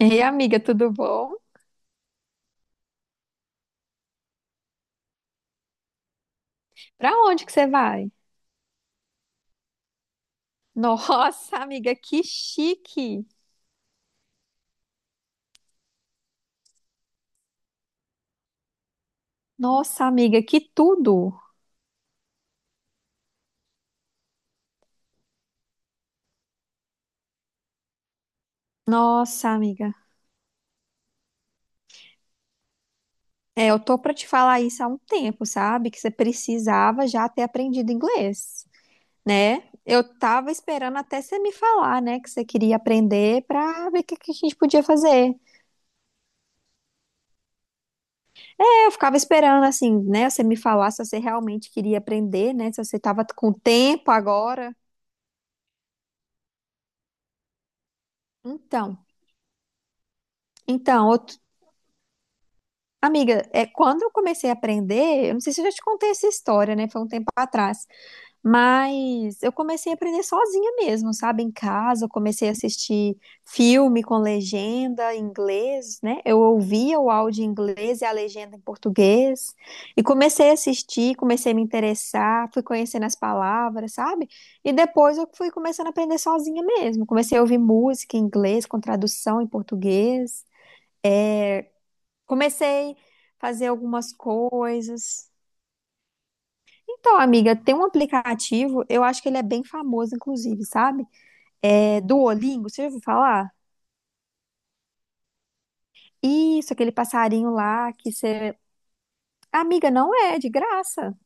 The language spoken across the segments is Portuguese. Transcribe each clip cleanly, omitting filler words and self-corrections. Ei, amiga, tudo bom? Pra onde que você vai? Nossa, amiga, que chique! Nossa, amiga, que tudo! Nossa, amiga. É, eu tô pra te falar isso há um tempo, sabe? Que você precisava já ter aprendido inglês, né? Eu tava esperando até você me falar, né, que você queria aprender pra ver o que que a gente podia fazer. É, eu ficava esperando, assim, né, você me falar se você realmente queria aprender, né, se você tava com tempo agora. Então. Então, eu Amiga, é, quando eu comecei a aprender, eu não sei se eu já te contei essa história, né? Foi um tempo atrás, mas eu comecei a aprender sozinha mesmo, sabe? Em casa, eu comecei a assistir filme com legenda em inglês, né? Eu ouvia o áudio em inglês e a legenda em português, e comecei a assistir, comecei a me interessar, fui conhecendo as palavras, sabe? E depois eu fui começando a aprender sozinha mesmo. Comecei a ouvir música em inglês com tradução em português. Comecei a fazer algumas coisas. Então, amiga, tem um aplicativo, eu acho que ele é bem famoso, inclusive, sabe? É Duolingo, você já ouviu falar? Isso, aquele passarinho lá que você. Amiga, não é, é de graça.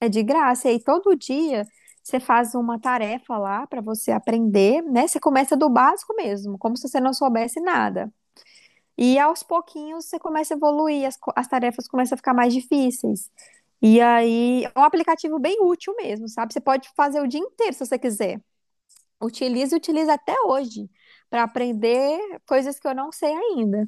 É de graça. E aí, todo dia você faz uma tarefa lá para você aprender, né? Você começa do básico mesmo, como se você não soubesse nada. E aos pouquinhos você começa a evoluir, as tarefas começam a ficar mais difíceis. E aí, é um aplicativo bem útil mesmo, sabe? Você pode fazer o dia inteiro se você quiser. Utilizo e utilizo até hoje para aprender coisas que eu não sei ainda.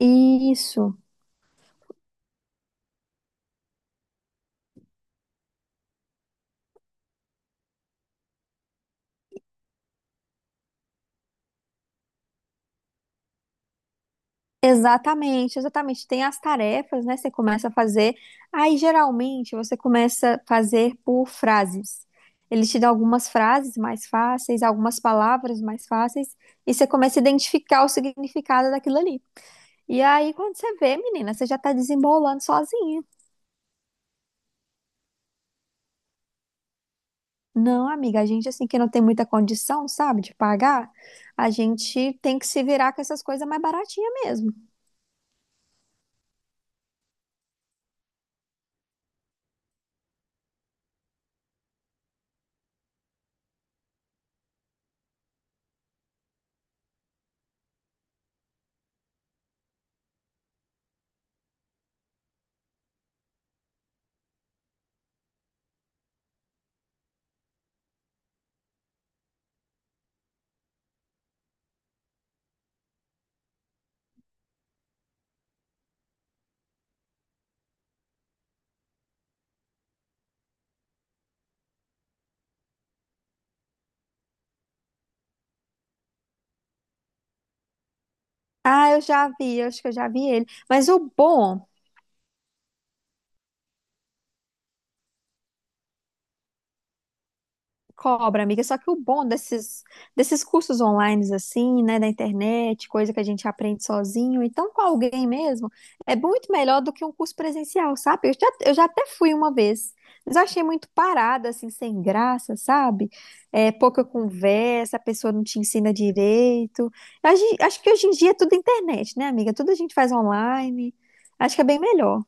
Isso. Exatamente, exatamente. Tem as tarefas, né? Você começa a fazer. Aí, geralmente, você começa a fazer por frases. Ele te dá algumas frases mais fáceis, algumas palavras mais fáceis, e você começa a identificar o significado daquilo ali. E aí, quando você vê, menina, você já tá desembolando sozinha. Não, amiga, a gente, assim, que não tem muita condição, sabe, de pagar, a gente tem que se virar com essas coisas mais baratinhas mesmo. Ah, eu já vi, eu acho que eu já vi ele. Mas o bom. Cobra, amiga. Só que o bom desses cursos online, assim, né, da internet, coisa que a gente aprende sozinho, então com alguém mesmo, é muito melhor do que um curso presencial, sabe? Eu já até fui uma vez, mas eu achei muito parada, assim, sem graça, sabe? É, pouca conversa, a pessoa não te ensina direito. Acho que hoje em dia é tudo internet, né, amiga? Tudo a gente faz online. Acho que é bem melhor.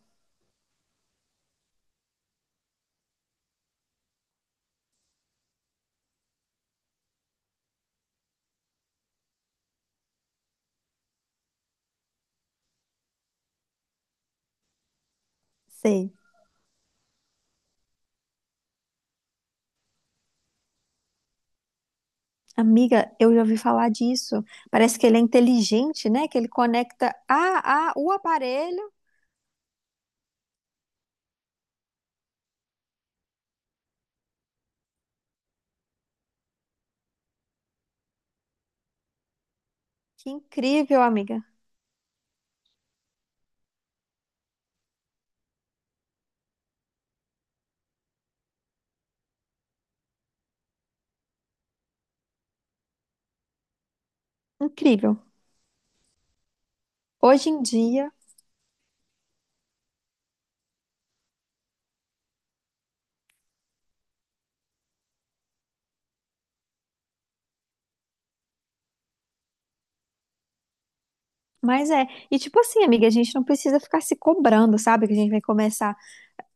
Sei. Amiga, eu já ouvi falar disso. Parece que ele é inteligente, né? Que ele conecta a o aparelho. Que incrível, amiga. Incrível. Hoje em dia, mas é. E tipo assim, amiga, a gente não precisa ficar se cobrando, sabe? Que a gente vai começar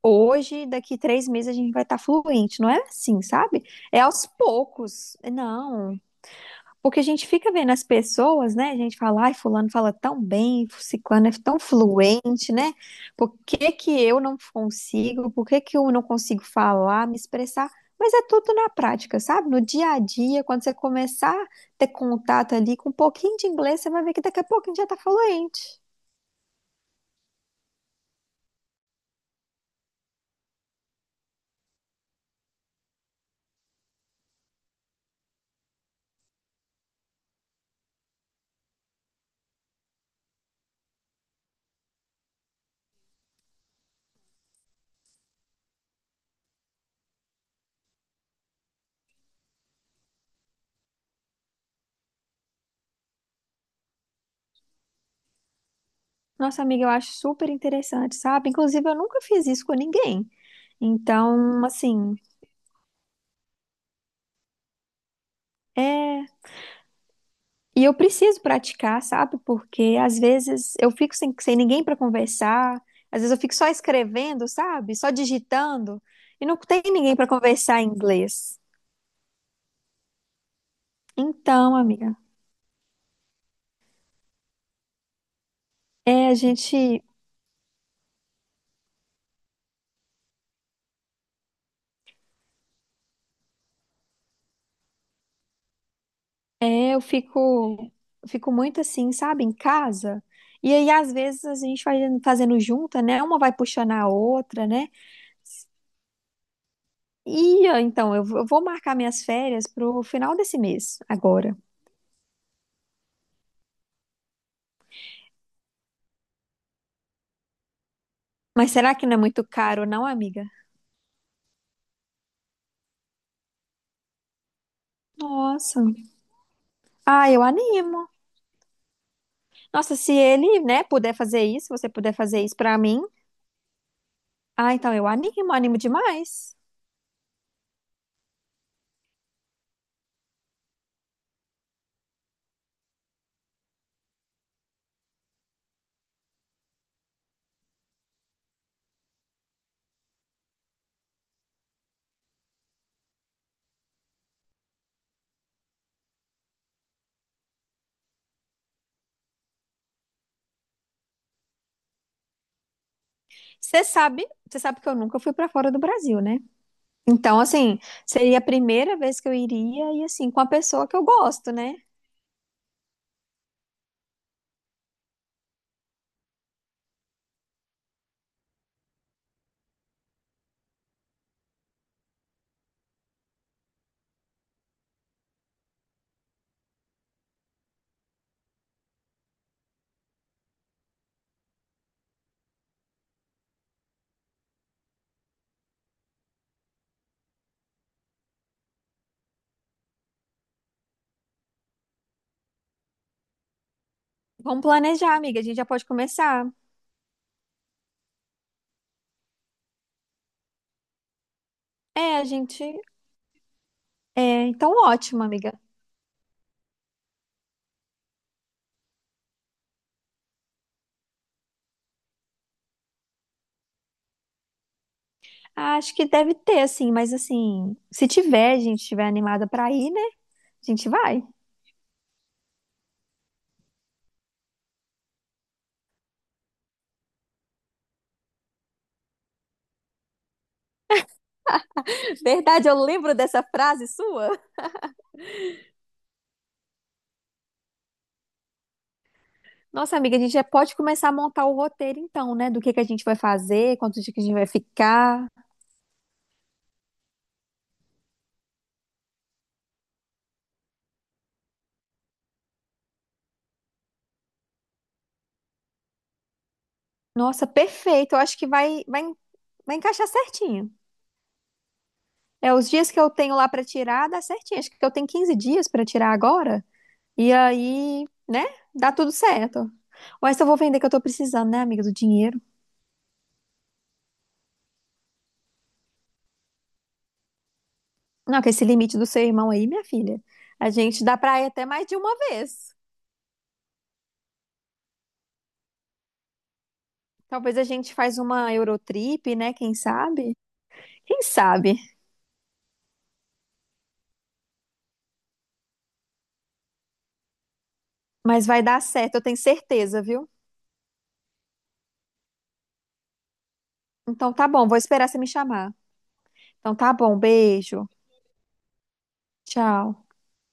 hoje, daqui três meses a gente vai estar fluente. Não é assim, sabe? É aos poucos. Não. Porque a gente fica vendo as pessoas, né? A gente fala, ai, fulano fala tão bem, ciclano é tão fluente, né? Por que que eu não consigo? Por que que eu não consigo falar, me expressar? Mas é tudo na prática, sabe? No dia a dia, quando você começar a ter contato ali com um pouquinho de inglês, você vai ver que daqui a pouco a gente já tá fluente. Nossa, amiga, eu acho super interessante, sabe? Inclusive, eu nunca fiz isso com ninguém. Então, assim, é. E eu preciso praticar, sabe? Porque às vezes eu fico sem ninguém para conversar, às vezes eu fico só escrevendo, sabe? Só digitando, e não tem ninguém para conversar em inglês. Então, amiga, é, a gente, é, eu fico, eu fico muito assim, sabe? Em casa. E aí, às vezes, a gente vai fazendo junta, né? Uma vai puxando a outra, né? E ah, então, eu vou marcar minhas férias pro final desse mês, agora. Mas será que não é muito caro, não, amiga? Nossa. Ah, eu animo. Nossa, se ele, né, puder fazer isso, você puder fazer isso pra mim, ah, então eu animo, animo demais. Você sabe que eu nunca fui pra fora do Brasil, né? Então, assim, seria a primeira vez que eu iria e assim, com a pessoa que eu gosto, né? Vamos planejar, amiga, a gente já pode começar. É, a gente, é, então ótimo, amiga. Ah, acho que deve ter, assim, mas assim, se tiver, a gente estiver animada pra ir, né? A gente vai. Verdade, eu lembro dessa frase sua. Nossa, amiga, a gente já pode começar a montar o roteiro então, né? Do que a gente vai fazer, quanto dia que a gente vai ficar. Nossa, perfeito. Eu acho que vai encaixar certinho. É, os dias que eu tenho lá pra tirar, dá certinho. Acho que eu tenho 15 dias pra tirar agora. E aí, né? Dá tudo certo. Mas eu vou vender que eu tô precisando, né, amiga, do dinheiro. Não, que esse limite do seu irmão aí, minha filha, a gente dá pra ir até mais de uma vez. Talvez a gente faz uma Eurotrip, né? Quem sabe? Quem sabe? Mas vai dar certo, eu tenho certeza, viu? Então tá bom, vou esperar você me chamar. Então tá bom, beijo. Tchau.